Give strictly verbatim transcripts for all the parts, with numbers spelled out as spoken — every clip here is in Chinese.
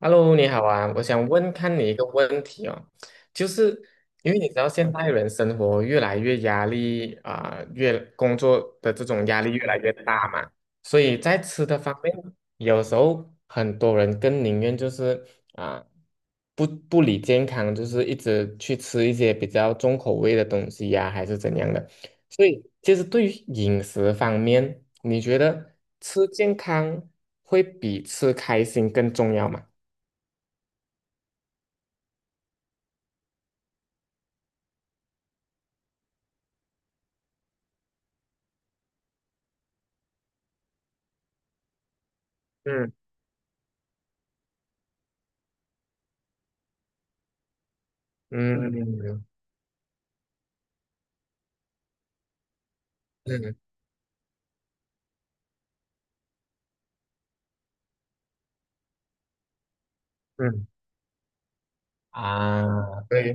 Hello，你好啊，我想问看你一个问题哦，就是因为你知道现代人生活越来越压力啊、越工作的这种压力越来越大嘛，所以在吃的方面，有时候很多人更宁愿就是啊、不不理健康，就是一直去吃一些比较重口味的东西呀、还是怎样的。所以，其实对于饮食方面，你觉得吃健康会比吃开心更重要吗？嗯嗯嗯嗯嗯，啊，对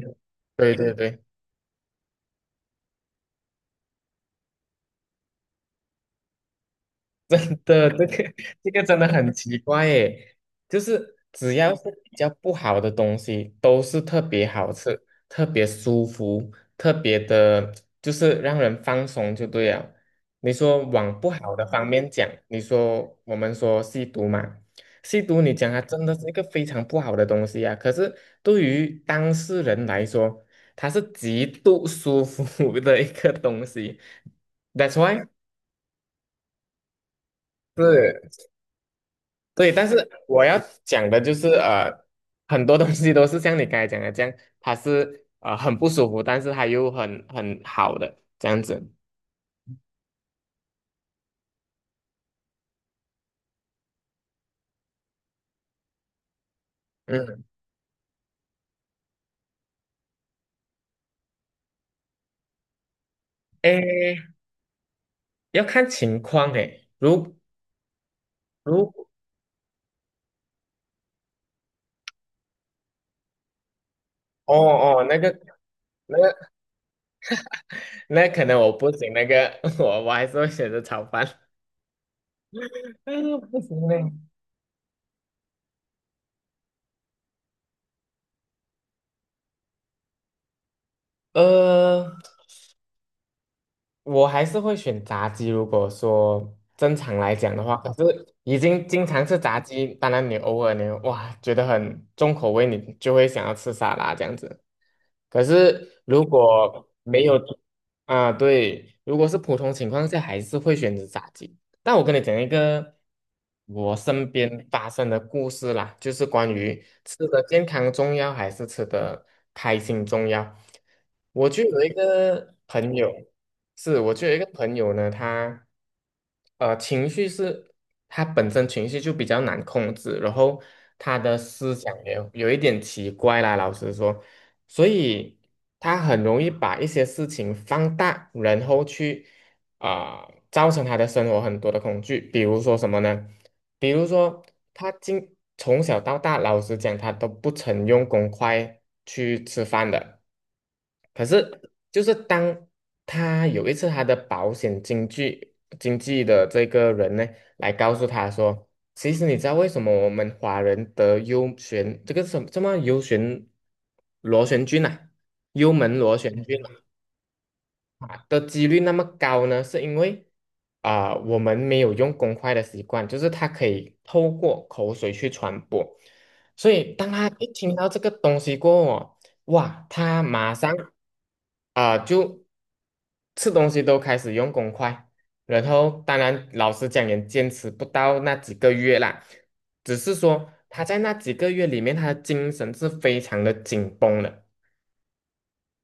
对对对，的这个 这个真的很奇怪耶，就是只要是比较不好的东西，都是特别好吃、特别舒服、特别的，就是让人放松就对了。你说往不好的方面讲，你说我们说吸毒嘛，吸毒你讲它真的是一个非常不好的东西啊，可是对于当事人来说，它是极度舒服 的一个东西。That's why 是。对，但是我要讲的就是，呃，很多东西都是像你刚才讲的这样，它是呃很不舒服，但是它又很很好的这样子。嗯，诶，要看情况诶。如如哦哦，那个那个那可能我不行，那个 我我还是会选择炒饭。嗯，不行嘞。呃，我还是会选炸鸡。如果说正常来讲的话，可是已经经常吃炸鸡，当然你偶尔你哇觉得很重口味，你就会想要吃沙拉这样子。可是如果没有啊，对，如果是普通情况下，还是会选择炸鸡。那我跟你讲一个我身边发生的故事啦，就是关于吃的健康重要还是吃的开心重要。我就有一个朋友，是我就有一个朋友呢，他呃情绪是，他本身情绪就比较难控制，然后他的思想也有一点奇怪啦，老实说，所以他很容易把一些事情放大，然后去。啊、造成他的生活很多的恐惧，比如说什么呢？比如说他经从小到大，老实讲，他都不曾用公筷去吃饭的。可是，就是当他有一次他的保险经济经济的这个人呢，来告诉他说，其实你知道为什么我们华人得幽旋这个什么什么幽旋螺旋菌啊，幽门螺旋菌啊啊的几率那么高呢？是因为啊、我们没有用公筷的习惯，就是它可以透过口水去传播，所以当他一听到这个东西过后哦哇，他马上啊、就吃东西都开始用公筷，然后当然老实讲也坚持不到那几个月啦，只是说他在那几个月里面，他的精神是非常的紧绷的。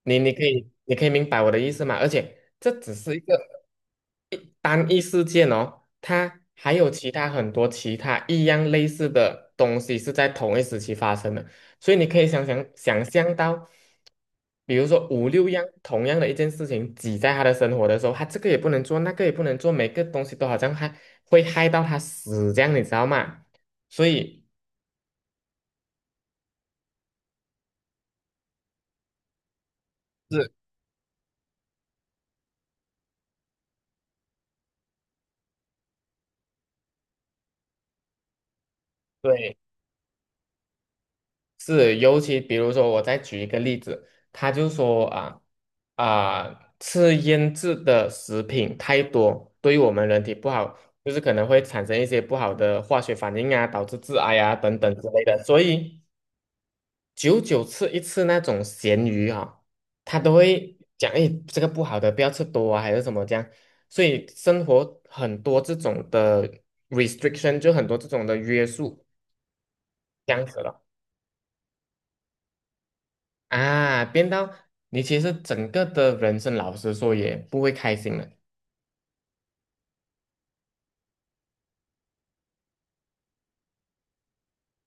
你你可以你可以明白我的意思吗？而且这只是一个单一事件哦，它还有其他很多其他一样类似的东西是在同一时期发生的，所以你可以想想想象到，比如说五六样同样的一件事情挤在他的生活的时候，他这个也不能做，那个也不能做，每个东西都好像害会害到他死这样，你知道吗？所以。是对，是，尤其比如说，我再举一个例子，他就说啊啊，吃腌制的食品太多，对于我们人体不好，就是可能会产生一些不好的化学反应啊，导致致癌啊等等之类的。所以久久吃一次那种咸鱼啊，他都会讲，哎，这个不好的，不要吃多啊，还是什么这样。所以生活很多这种的 restriction，就很多这种的约束，这样子咯啊，变到你其实整个的人生，老实说也不会开心了，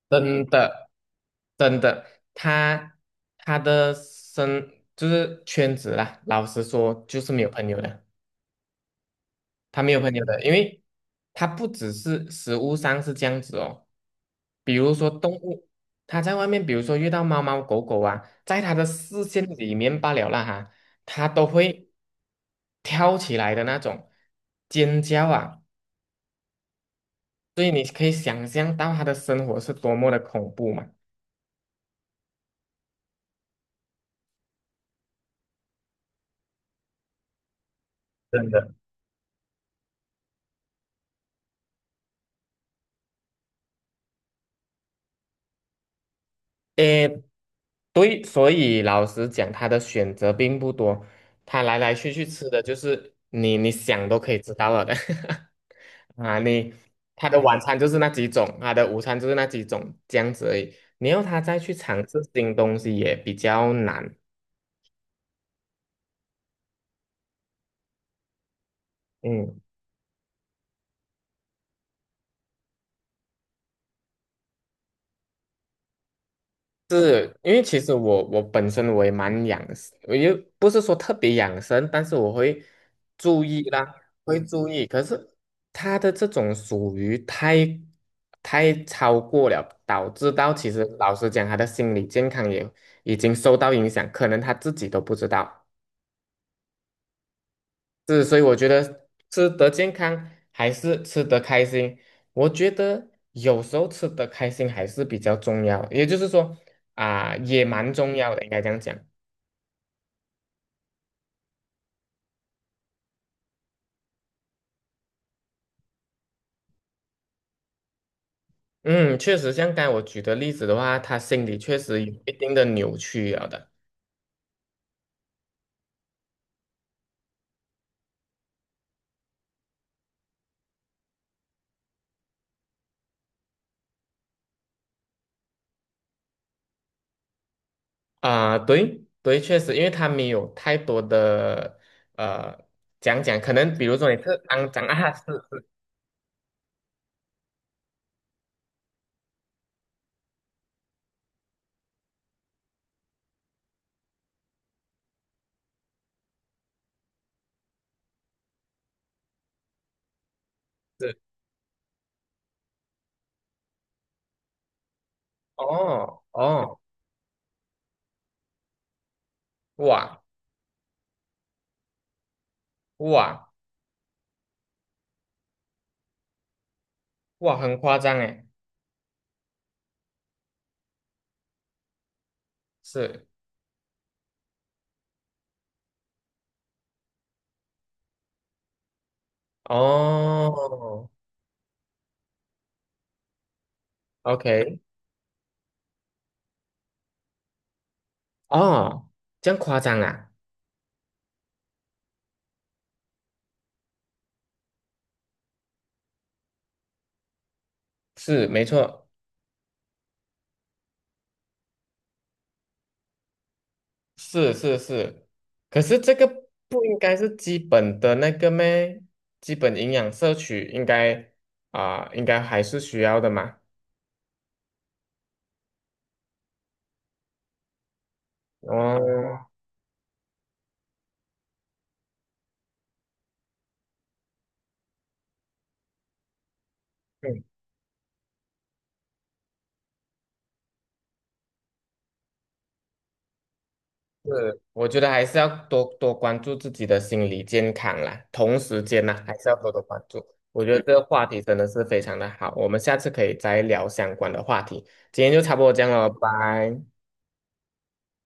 真的，真的，他他的生就是圈子啦，老实说就是没有朋友的，他没有朋友的，因为他不只是食物上是这样子哦，比如说动物，他在外面，比如说遇到猫猫狗狗啊，在他的视线里面罢了啦哈，他都会跳起来的那种尖叫啊。所以你可以想象到他的生活是多么的恐怖嘛。真的，诶，对，所以老实讲，他的选择并不多，他来来去去吃的就是你你想都可以知道了的 啊，你他的晚餐就是那几种，他的午餐就是那几种，这样子而已。你要他再去尝试新东西也比较难，嗯。是因为其实我我本身我也蛮养生我又不是说特别养生，但是我会注意啦，会注意。可是他的这种属于太太超过了，导致到其实老实讲，他的心理健康也已经受到影响，可能他自己都不知道。是，所以我觉得吃得健康还是吃得开心，我觉得有时候吃得开心还是比较重要，也就是说啊、也蛮重要的，应该这样讲。嗯，确实，像刚才我举的例子的话，他心里确实有一定的扭曲了的。啊、对对，确实，因为他没有太多的呃讲讲，可能比如说你是肮脏啊，是是，哦哦，哇哇哇，很夸张诶，是。哦，OK，哦，这样夸张啊？是，没错，是是是。可是这个不应该是基本的那个咩？基本营养摄取应该啊、应该还是需要的嘛。哦，嗯，是，我觉得还是要多多关注自己的心理健康啦，同时间呢，还是要多多关注。我觉得这个话题真的是非常的好，我们下次可以再聊相关的话题。今天就差不多这样了，拜。